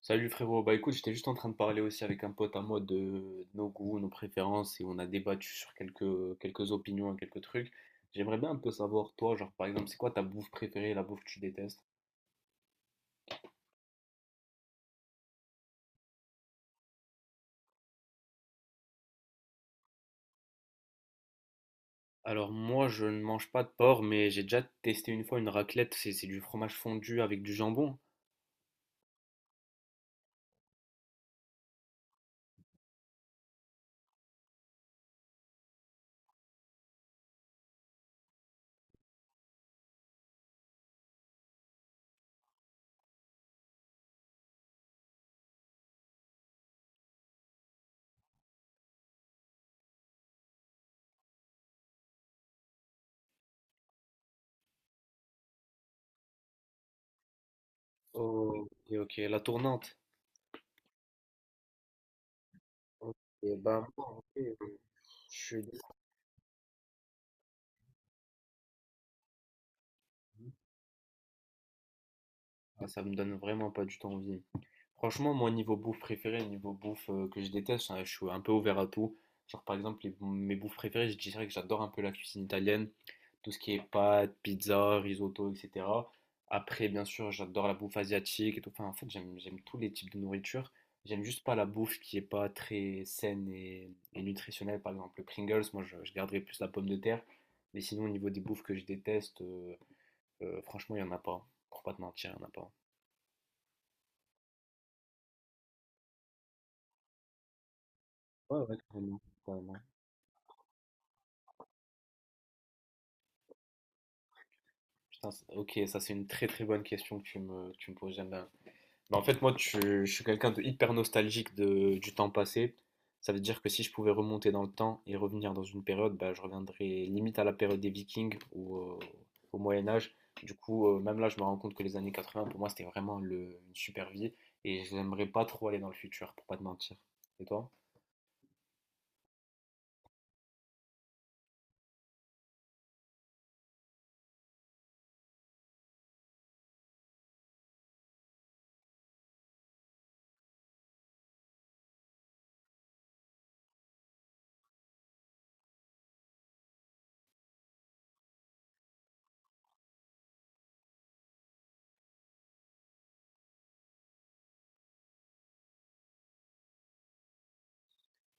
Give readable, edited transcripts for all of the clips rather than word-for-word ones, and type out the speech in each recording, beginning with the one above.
Salut frérot, bah écoute, j'étais juste en train de parler aussi avec un pote à moi de nos goûts, nos préférences et on a débattu sur quelques opinions et quelques trucs. J'aimerais bien un peu savoir, toi, genre par exemple, c'est quoi ta bouffe préférée, la bouffe que tu détestes? Alors moi, je ne mange pas de porc, mais j'ai déjà testé une fois une raclette. C'est du fromage fondu avec du jambon. Oh, et ok, la tournante. Ok, bah moi, en vrai, je suis désolé. Ah, ça me donne vraiment pas du tout envie. Franchement, moi, niveau bouffe préférée, niveau bouffe que je déteste, hein, je suis un peu ouvert à tout. Genre, par exemple, mes bouffes préférées, je dirais que j'adore un peu la cuisine italienne, tout ce qui est pâtes, pizza, risotto, etc. Après, bien sûr, j'adore la bouffe asiatique et tout. Enfin, en fait, j'aime tous les types de nourriture. J'aime juste pas la bouffe qui est pas très saine et nutritionnelle. Par exemple, le Pringles, moi, je garderais plus la pomme de terre. Mais sinon, au niveau des bouffes que je déteste, franchement, il y en a pas. Pour pas te mentir, il y en a pas. Ouais, ouais, carrément. Ouais. Ok, ça c'est une très très bonne question que que tu me poses, j'aime bien. Bah, en fait, moi, je suis quelqu'un de hyper nostalgique du temps passé. Ça veut dire que si je pouvais remonter dans le temps et revenir dans une période, bah, je reviendrais limite à la période des Vikings ou au Moyen Âge. Du coup, même là, je me rends compte que les années 80, pour moi, une super vie et j'aimerais pas trop aller dans le futur, pour pas te mentir. Et toi?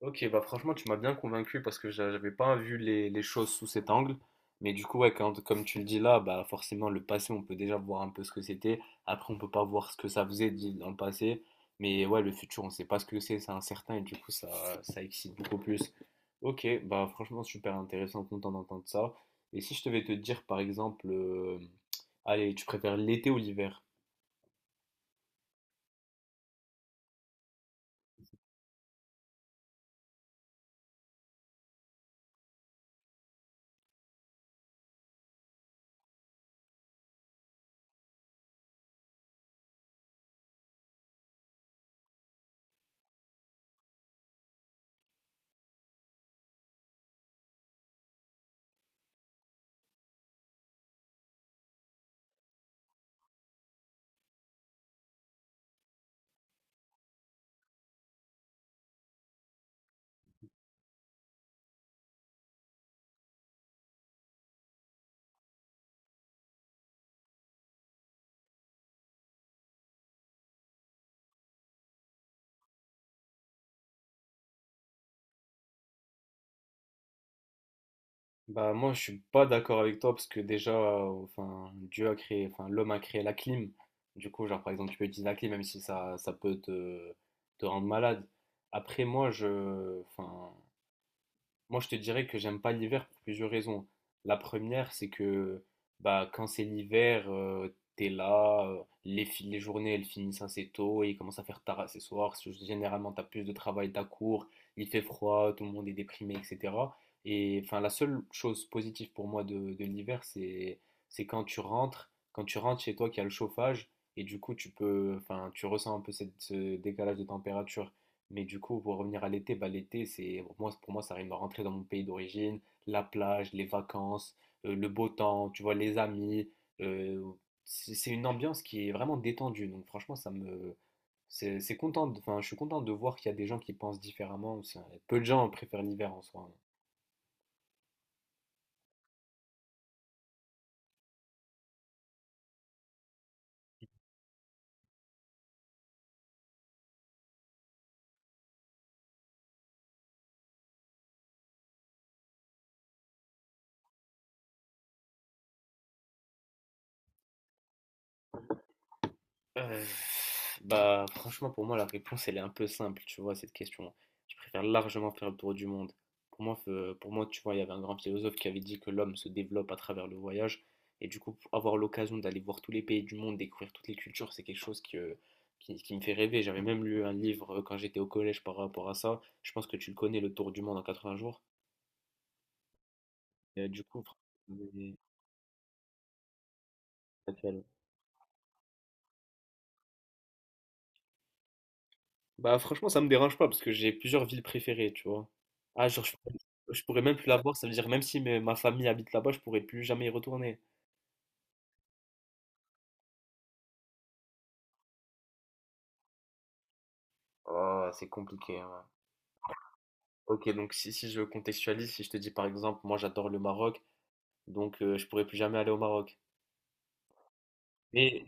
Ok, bah franchement, tu m'as bien convaincu parce que j'avais pas vu les choses sous cet angle. Mais du coup, ouais, comme tu le dis là, bah forcément, le passé, on peut déjà voir un peu ce que c'était. Après, on peut pas voir ce que ça dans le passé. Mais ouais, le futur, on sait pas ce que c'est incertain et du coup, ça excite beaucoup plus. Ok, bah franchement, super intéressant, content d'entendre ça. Et si je devais te dire, par exemple, allez, tu préfères l'été ou l'hiver? Bah moi je suis pas d'accord avec toi parce que déjà enfin Dieu a créé enfin l'homme a créé la clim. Du coup genre par exemple tu peux utiliser la clim même si ça peut te rendre malade. Après moi je enfin moi, je te dirais que j'aime pas l'hiver pour plusieurs raisons. La première, c'est que bah, quand c'est l'hiver, t'es là, les journées elles finissent assez tôt et il commence à faire tard assez soir. Généralement, t'as plus de travail, t'as cours, il fait froid, tout le monde est déprimé, etc. Et enfin, la seule chose positive pour moi de l'hiver, c'est quand tu rentres chez toi, qu'il y a le chauffage et du coup, tu peux, enfin, tu ressens un peu ce décalage de température. Mais du coup, pour revenir à l'été, bah, l'été, c'est pour moi, ça arrive à rentrer dans mon pays d'origine, la plage, les vacances, le beau temps, tu vois, les amis. euh, c'est une ambiance qui est vraiment détendue. Donc franchement, c'est Enfin, je suis content de voir qu'il y a des gens qui pensent différemment. Peu de gens préfèrent l'hiver en soi, hein. Euh, bah, franchement, pour moi, la réponse, elle est un peu simple, tu vois, à cette question. Je préfère largement faire le tour du monde. Pour moi, tu vois, il y avait un grand philosophe qui avait dit que l'homme se développe à travers le voyage. Et du coup, avoir l'occasion d'aller voir tous les pays du monde, découvrir toutes les cultures, c'est quelque chose qui me fait rêver. J'avais même lu un livre quand j'étais au collège par rapport à ça. Je pense que tu le connais, Le Tour du monde en 80 jours. Et, mais- bah franchement ça me dérange pas parce que j'ai plusieurs villes préférées, tu vois. Ah genre je pourrais même plus la voir, ça veut dire même si ma famille habite là-bas, je pourrais plus jamais y retourner. Oh, c'est compliqué, hein. Ok donc si je contextualise, si je te dis par exemple moi j'adore le Maroc, donc je pourrais plus jamais aller au Maroc. Mais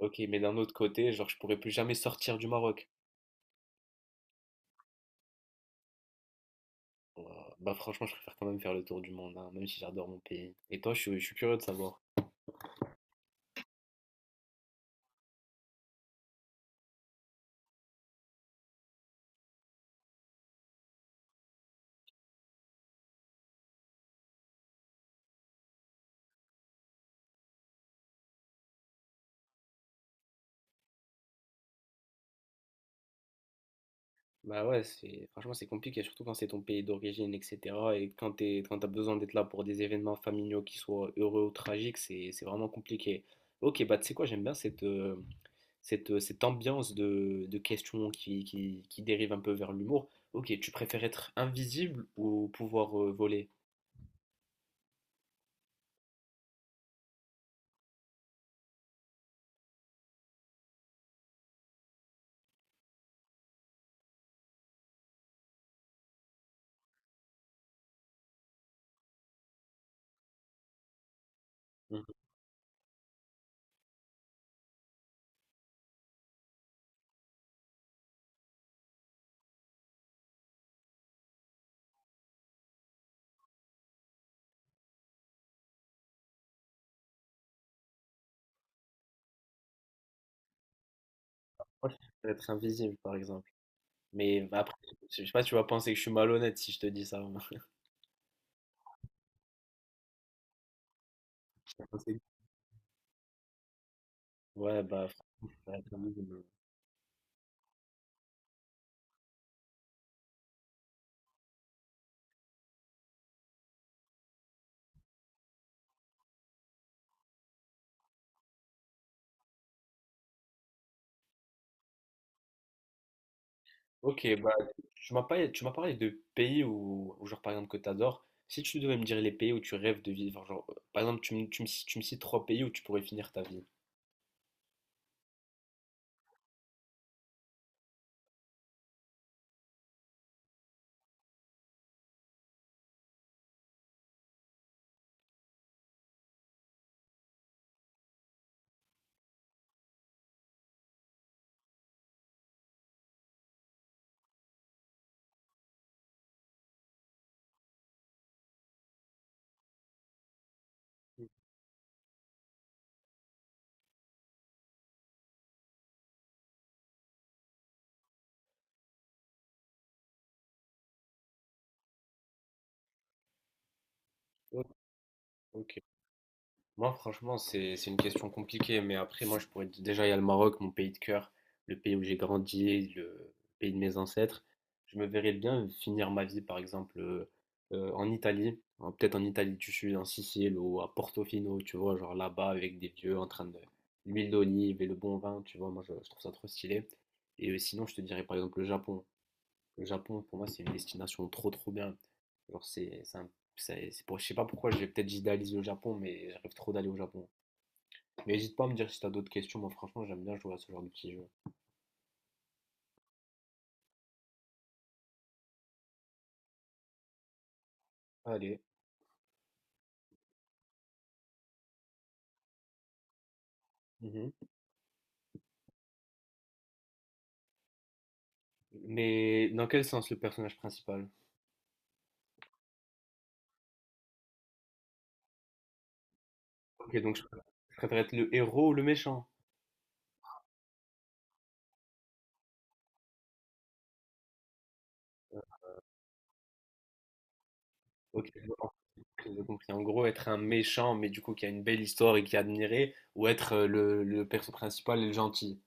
ok mais d'un autre côté, genre je pourrais plus jamais sortir du Maroc. Euh, Bah franchement je préfère quand même faire le tour du monde, hein, même si j'adore mon pays. Et toi je suis curieux de savoir. Bah ouais, c'est franchement c'est compliqué, surtout quand c'est ton pays d'origine, etc. Et quand quand t'as besoin d'être là pour des événements familiaux qui soient heureux ou tragiques, c'est vraiment compliqué. Ok, bah tu sais quoi, j'aime bien cette ambiance de questions qui dérive un peu vers l'humour. Ok, tu préfères être invisible ou pouvoir voler? Mhm. Moi, je préfère être invisible, par exemple. Mais bah, après, je sais pas, tu vas penser que je suis malhonnête si je te dis ça. Je vais penser que- ouais, bah, faut être invisible. Ok, bah, tu m'as pas- tu m'as parlé de pays genre, par exemple, que tu adores. Si tu devais me dire les pays où tu rêves de vivre, genre, par exemple, tu me cites trois pays où tu pourrais finir ta vie. O- Ok. Moi, franchement, c'est une question compliquée, mais après, moi, déjà, il y a le Maroc, mon pays de cœur, le pays où j'ai grandi, le pays de mes ancêtres. Je me verrais bien finir ma vie, par exemple, en Italie, hein, peut-être en Italie du Sud, en Sicile ou à Portofino, tu vois, genre là-bas avec des vieux en train de l'huile d'olive et le bon vin, tu vois, moi, je trouve ça trop stylé. Et sinon, je te dirais, par exemple, le Japon. Le Japon, pour moi, c'est une destination trop trop bien. Genre, c'est un- c'est pour, je sais pas pourquoi, je vais peut-être idéaliser le Japon, mais je rêve trop d'aller au Japon. Mais n'hésite pas à me dire si t'as d'autres questions. Moi, franchement, j'aime bien jouer à ce genre de petits jeux. Allez. Mhm. Mais dans quel sens le personnage principal? Ok, donc préfère être le héros ou le méchant? Ok, j'ai compris. En gros, être un méchant, mais du coup qui a une belle histoire et qui est admiré, ou être le perso principal et le gentil.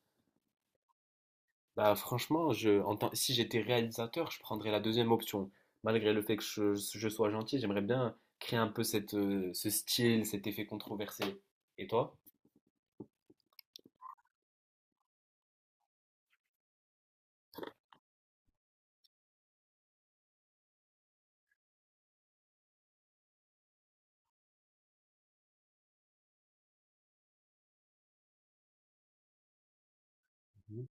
Bah franchement, si j'étais réalisateur, je prendrais la deuxième option. Malgré le fait que je sois gentil, j'aimerais bien créer un peu ce style, cet effet controversé. Et toi? Mhm.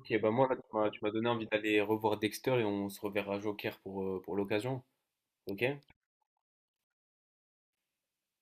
Ok, bah moi là, tu m'as donné envie d'aller revoir Dexter et on se reverra Joker pour l'occasion. Ok?